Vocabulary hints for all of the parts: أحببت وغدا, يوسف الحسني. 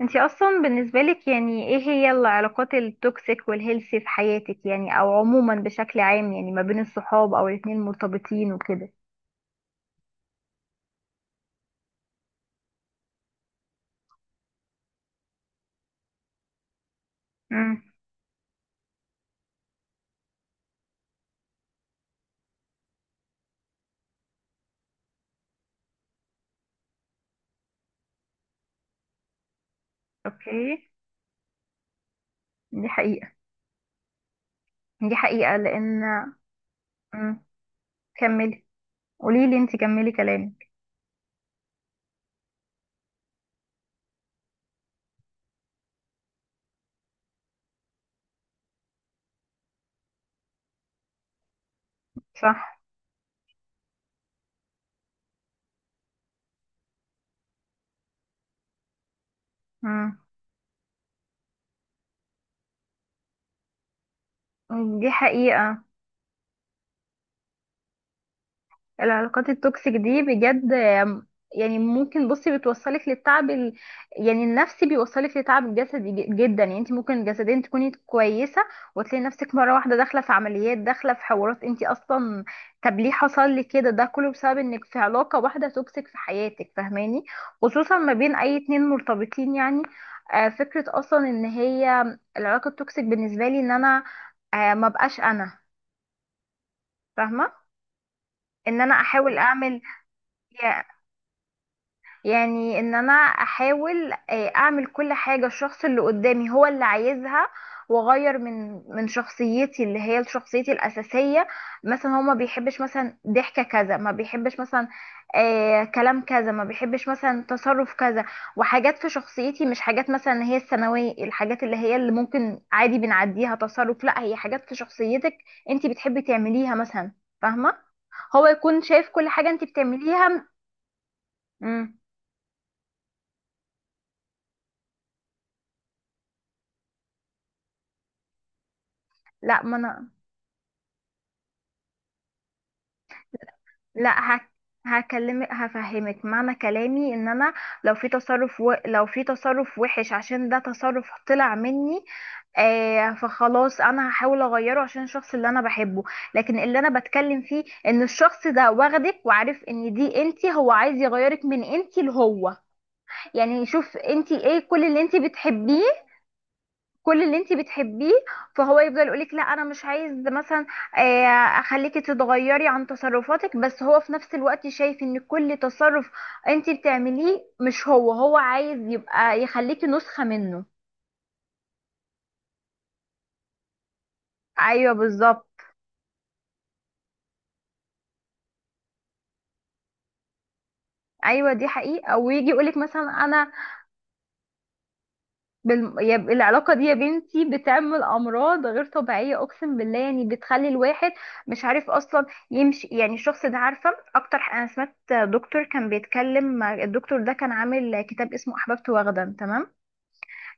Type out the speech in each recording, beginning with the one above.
انتي اصلا بالنسبة لك يعني ايه هي العلاقات التوكسيك والهيلثي في حياتك، يعني او عموما بشكل عام، يعني ما بين الصحاب او الاتنين المرتبطين وكده؟ امم اوكي. دي حقيقة. دي حقيقة لان امم كملي. قوليلي انتي، كملي كلامك. صح. امم دي حقيقة. العلاقات التوكسيك دي بجد، يعني ممكن بصي بتوصلك للتعب، يعني النفسي بيوصلك لتعب جسدي جدا. يعني انت ممكن جسديا تكوني كويسه وتلاقي نفسك مره واحده داخله في عمليات، داخله في حوارات، انت اصلا طب ليه حصل لي كده؟ ده كله بسبب انك في علاقه واحده توكسيك في حياتك، فاهماني؟ خصوصا ما بين اي اتنين مرتبطين يعني. فكره اصلا ان هي العلاقه التوكسيك بالنسبه لي ان انا، ما بقاش انا فاهمه ان انا احاول اعمل، يعني ان انا احاول اعمل كل حاجة الشخص اللي قدامي هو اللي عايزها، واغير من شخصيتي اللي هي شخصيتي الاساسية. مثلا هو ما بيحبش مثلا ضحكة كذا، ما بيحبش مثلا كلام كذا، ما بيحبش مثلا تصرف كذا، وحاجات في شخصيتي مش حاجات مثلا اللي هي الثانوية الحاجات اللي هي اللي ممكن عادي بنعديها تصرف، لا، هي حاجات في شخصيتك انت بتحبي تعمليها مثلا، فاهمة؟ هو يكون شايف كل حاجة انت بتعمليها. مم. لا ما انا، لا هك... هكلمك هفهمك معنى كلامي. ان انا لو في لو في تصرف وحش عشان ده تصرف طلع مني، آه فخلاص انا هحاول اغيره عشان الشخص اللي انا بحبه. لكن اللي انا بتكلم فيه ان الشخص ده واخدك وعارف ان دي انتي، هو عايز يغيرك من انتي لهو، يعني يشوف انتي ايه كل اللي انتي بتحبيه. كل اللي انت بتحبيه فهو يفضل يقولك لا انا مش عايز مثلا آه، اخليكي تتغيري عن تصرفاتك، بس هو في نفس الوقت شايف ان كل تصرف انت بتعمليه مش هو، هو عايز يبقى يخليكي نسخة منه. ايوه بالظبط. ايوه دي حقيقة، ويجي يقولك مثلا انا، العلاقة دي يا بنتي بتعمل أمراض غير طبيعية، أقسم بالله. يعني بتخلي الواحد مش عارف أصلا يمشي، يعني الشخص ده عارفة أكتر، أنا سمعت دكتور كان بيتكلم، الدكتور ده كان عامل كتاب اسمه أحببت وغدا تمام،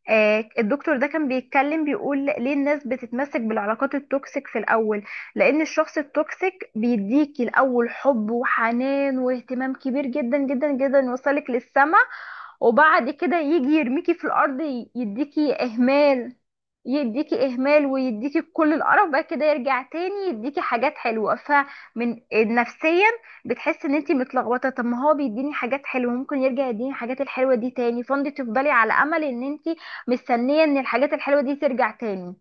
آه الدكتور ده كان بيتكلم بيقول ليه الناس بتتمسك بالعلاقات التوكسيك في الأول، لأن الشخص التوكسيك بيديكي الأول حب وحنان واهتمام كبير جدا جدا جدا، يوصلك للسما وبعد كده يجي يرميكي في الارض، يديكي اهمال. يديكي اهمال ويديكي كل القرف بقى كده، يرجع تاني يديكي حاجات حلوه، فمن نفسيا بتحسي ان انتي متلخبطه، طب ما هو بيديني حاجات حلوه، ممكن يرجع يديني الحاجات الحلوه دي تاني، فانت تفضلي على امل ان انتي مستنيه ان الحاجات الحلوه دي ترجع تاني.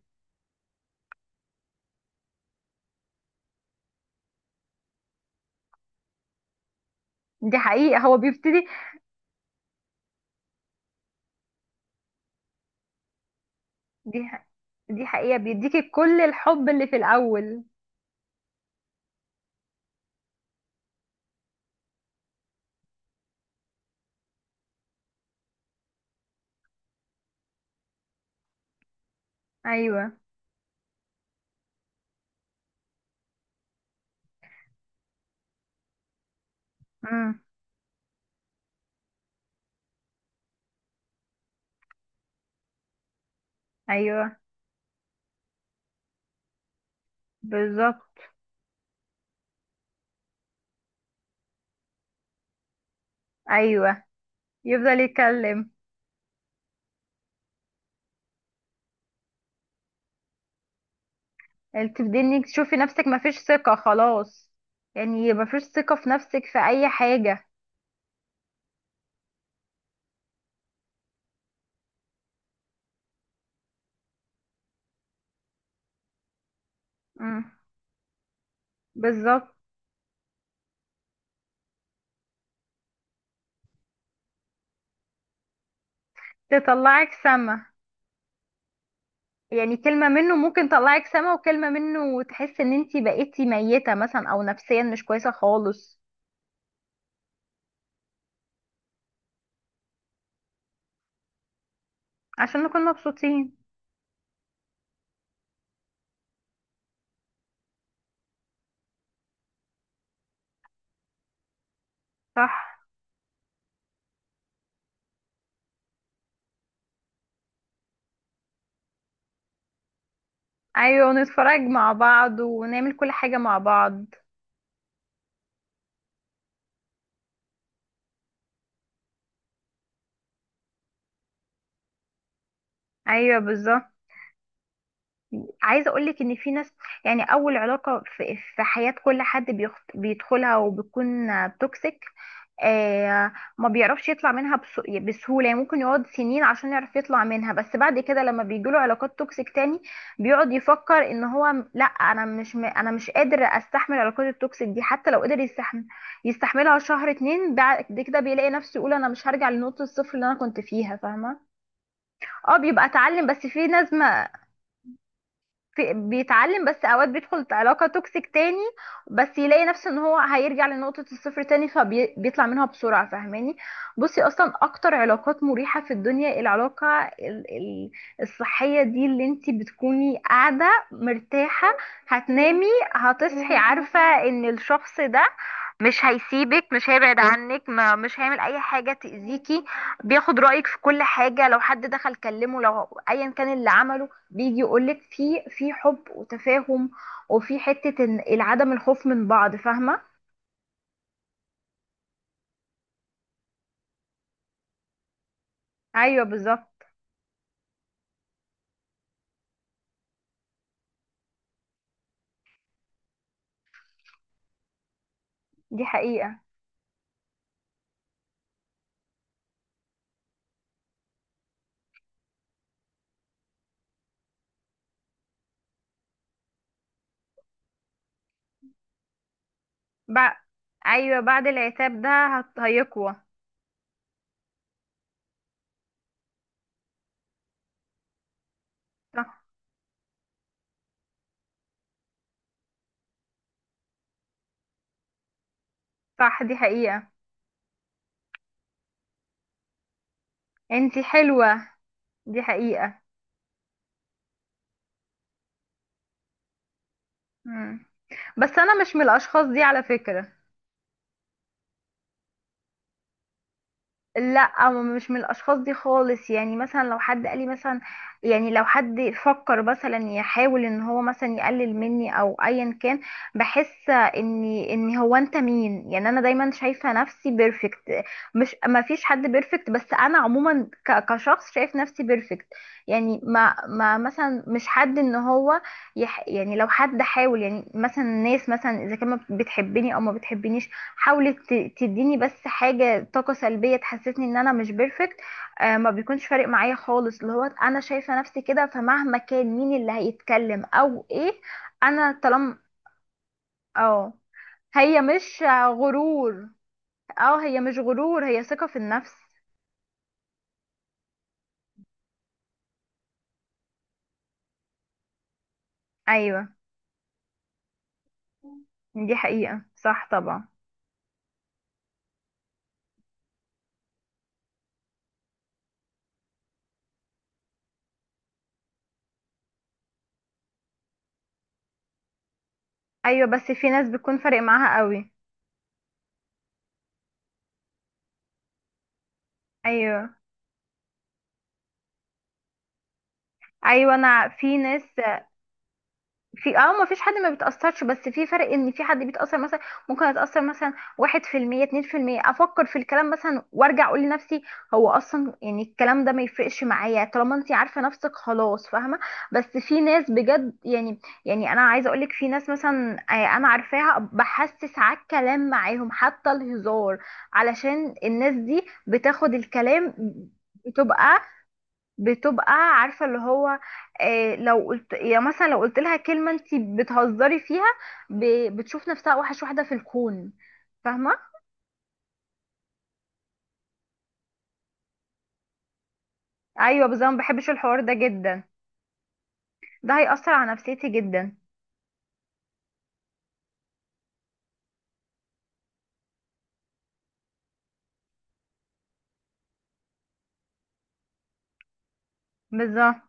دي حقيقه، هو بيبتدي. دي ح- دي حقيقه بيديكي كل الحب اللي في الاول. ايوه. امم. ايوه بالظبط. ايوه. يفضل يتكلم. تبدي انك تشوفي نفسك مفيش ثقة خلاص، يعني مفيش ثقة في نفسك في اي حاجة. مم. بالظبط. تطلعك سما. يعني كلمة منه ممكن تطلعك سما، وكلمة منه تحس ان انتي بقيتي ميتة مثلا، او نفسيا مش كويسة خالص. عشان نكون مبسوطين. صح. ايوه ونتفرج مع بعض ونعمل كل حاجة مع بعض. ايوه بالظبط. عايزه اقول لك ان في ناس، يعني اول علاقه في حياه كل حد بيدخلها وبتكون توكسيك، آه ما بيعرفش يطلع منها بسهوله. يعني ممكن يقعد سنين عشان يعرف يطلع منها، بس بعد كده لما بيجيله علاقات توكسيك تاني بيقعد يفكر ان هو، م- لا انا مش م... انا مش قادر استحمل العلاقات التوكسيك دي. حتى لو قدر يستحمل يستحملها شهر اتنين، بعد كده بيلاقي نفسه يقول انا مش هرجع لنقطه الصفر اللي انا كنت فيها، فاهمه؟ اه بيبقى اتعلم، بس في ناس ما، في بيتعلم بس اوقات بيدخل علاقة توكسيك تاني بس يلاقي نفسه ان هو هيرجع لنقطة الصفر تاني، فبيطلع منها بسرعة، فاهماني؟ بصي اصلا اكتر علاقات مريحة في الدنيا العلاقة الصحية دي، اللي انتي بتكوني قاعدة مرتاحة، هتنامي هتصحي عارفة ان الشخص ده مش هيسيبك، مش هيبعد عنك، ما مش هيعمل اي حاجه تاذيكي، بياخد رايك في كل حاجه، لو حد دخل كلمه، لو ايا كان اللي عمله بيجي يقولك، في في حب وتفاهم، وفي حته العدم الخوف من بعض، فاهمه؟ ايوه بالظبط. دي حقيقه. بع... ايوه بعد العتاب ده هيقوى. صح. صح دي حقيقه. انتي حلوه. دي حقيقه. مم. بس انا مش من الاشخاص دي على فكره. لا مش من الاشخاص دي خالص. يعني مثلا لو حد قال لي مثلا، يعني لو حد فكر مثلا يحاول ان هو مثلا يقلل مني، او ايا كان، بحس اني ان هو انت مين يعني. انا دايما شايفه نفسي بيرفكت، مش ما فيش حد بيرفكت، بس انا عموما كشخص شايف نفسي بيرفكت. يعني ما مثلا مش حد ان هو يعني لو حد حاول. يعني مثلا الناس مثلا اذا كان ما بتحبني او ما بتحبنيش، حاولت تديني بس حاجة طاقة سلبية تحسسني ان انا مش بيرفكت، آه ما بيكونش فارق معايا خالص، اللي هو انا شايفة نفسي كده، فمهما كان مين اللي هيتكلم او ايه انا طالما، اه. هي مش، غرور اه هي مش غرور، هي ثقة في النفس. ايوه دي حقيقة، صح طبعا. ايوه بس في ناس بتكون فارق معاها قوي. ايوه. ايوه انا في ناس. في، اه ما فيش حد ما بيتأثرش، بس في فرق ان في حد بيتأثر مثلا، ممكن اتأثر مثلا 1% 2%، افكر في الكلام مثلا وارجع اقول لنفسي هو اصلا يعني الكلام ده ما يفرقش معايا، طالما انت عارفة نفسك خلاص، فاهمة؟ بس في ناس بجد يعني، يعني انا عايزة اقولك في ناس مثلا انا عارفاها بحسس على الكلام معاهم حتى الهزار، علشان الناس دي بتاخد الكلام، بتبقى، بتبقى عارفه اللي هو، لو قلت يا مثلا لو قلت لها كلمه انت بتهزري فيها، بتشوف نفسها اوحش واحده في الكون، فاهمه؟ ايوه بالظبط، ما بحبش الحوار ده جدا. ده هيأثر على نفسيتي جدا. بالظبط.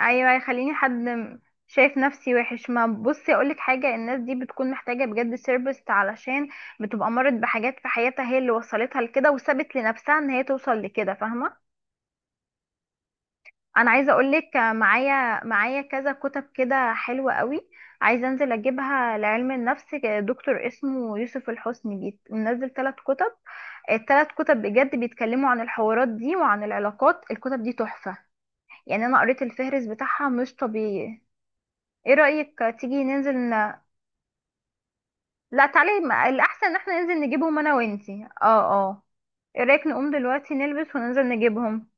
ايوه هيخليني شايف نفسي وحش. ما بصي اقولك حاجه، الناس دي بتكون محتاجه بجد سيربس، علشان بتبقى مرت بحاجات في حياتها هي اللي وصلتها لكده، وسابت لنفسها ان هي توصل لكده، فاهمه؟ انا عايزه اقول لك، معايا كذا كتب كده حلوه قوي، عايزه انزل اجيبها لعلم النفس. دكتور اسمه يوسف الحسني بيت منزل ثلاث كتب، الثلاث كتب بجد بيتكلموا عن الحوارات دي وعن العلاقات. الكتب دي تحفه يعني، انا قريت الفهرس بتاعها مش طبيعي. ايه رايك تيجي لا تعالي، الاحسن ان احنا ننزل نجيبهم انا وانتي، اه اه. ايه رايك نقوم دلوقتي نلبس وننزل نجيبهم؟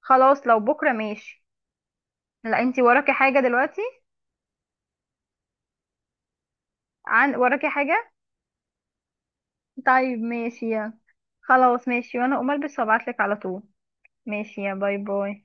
خلاص لو بكره ماشي. لا انتي وراكي حاجه دلوقتي. عن وراكي حاجة. طيب ماشي يلا. خلاص ماشي، وانا اقوم البس وابعتلك على طول. ماشي يا باي باي.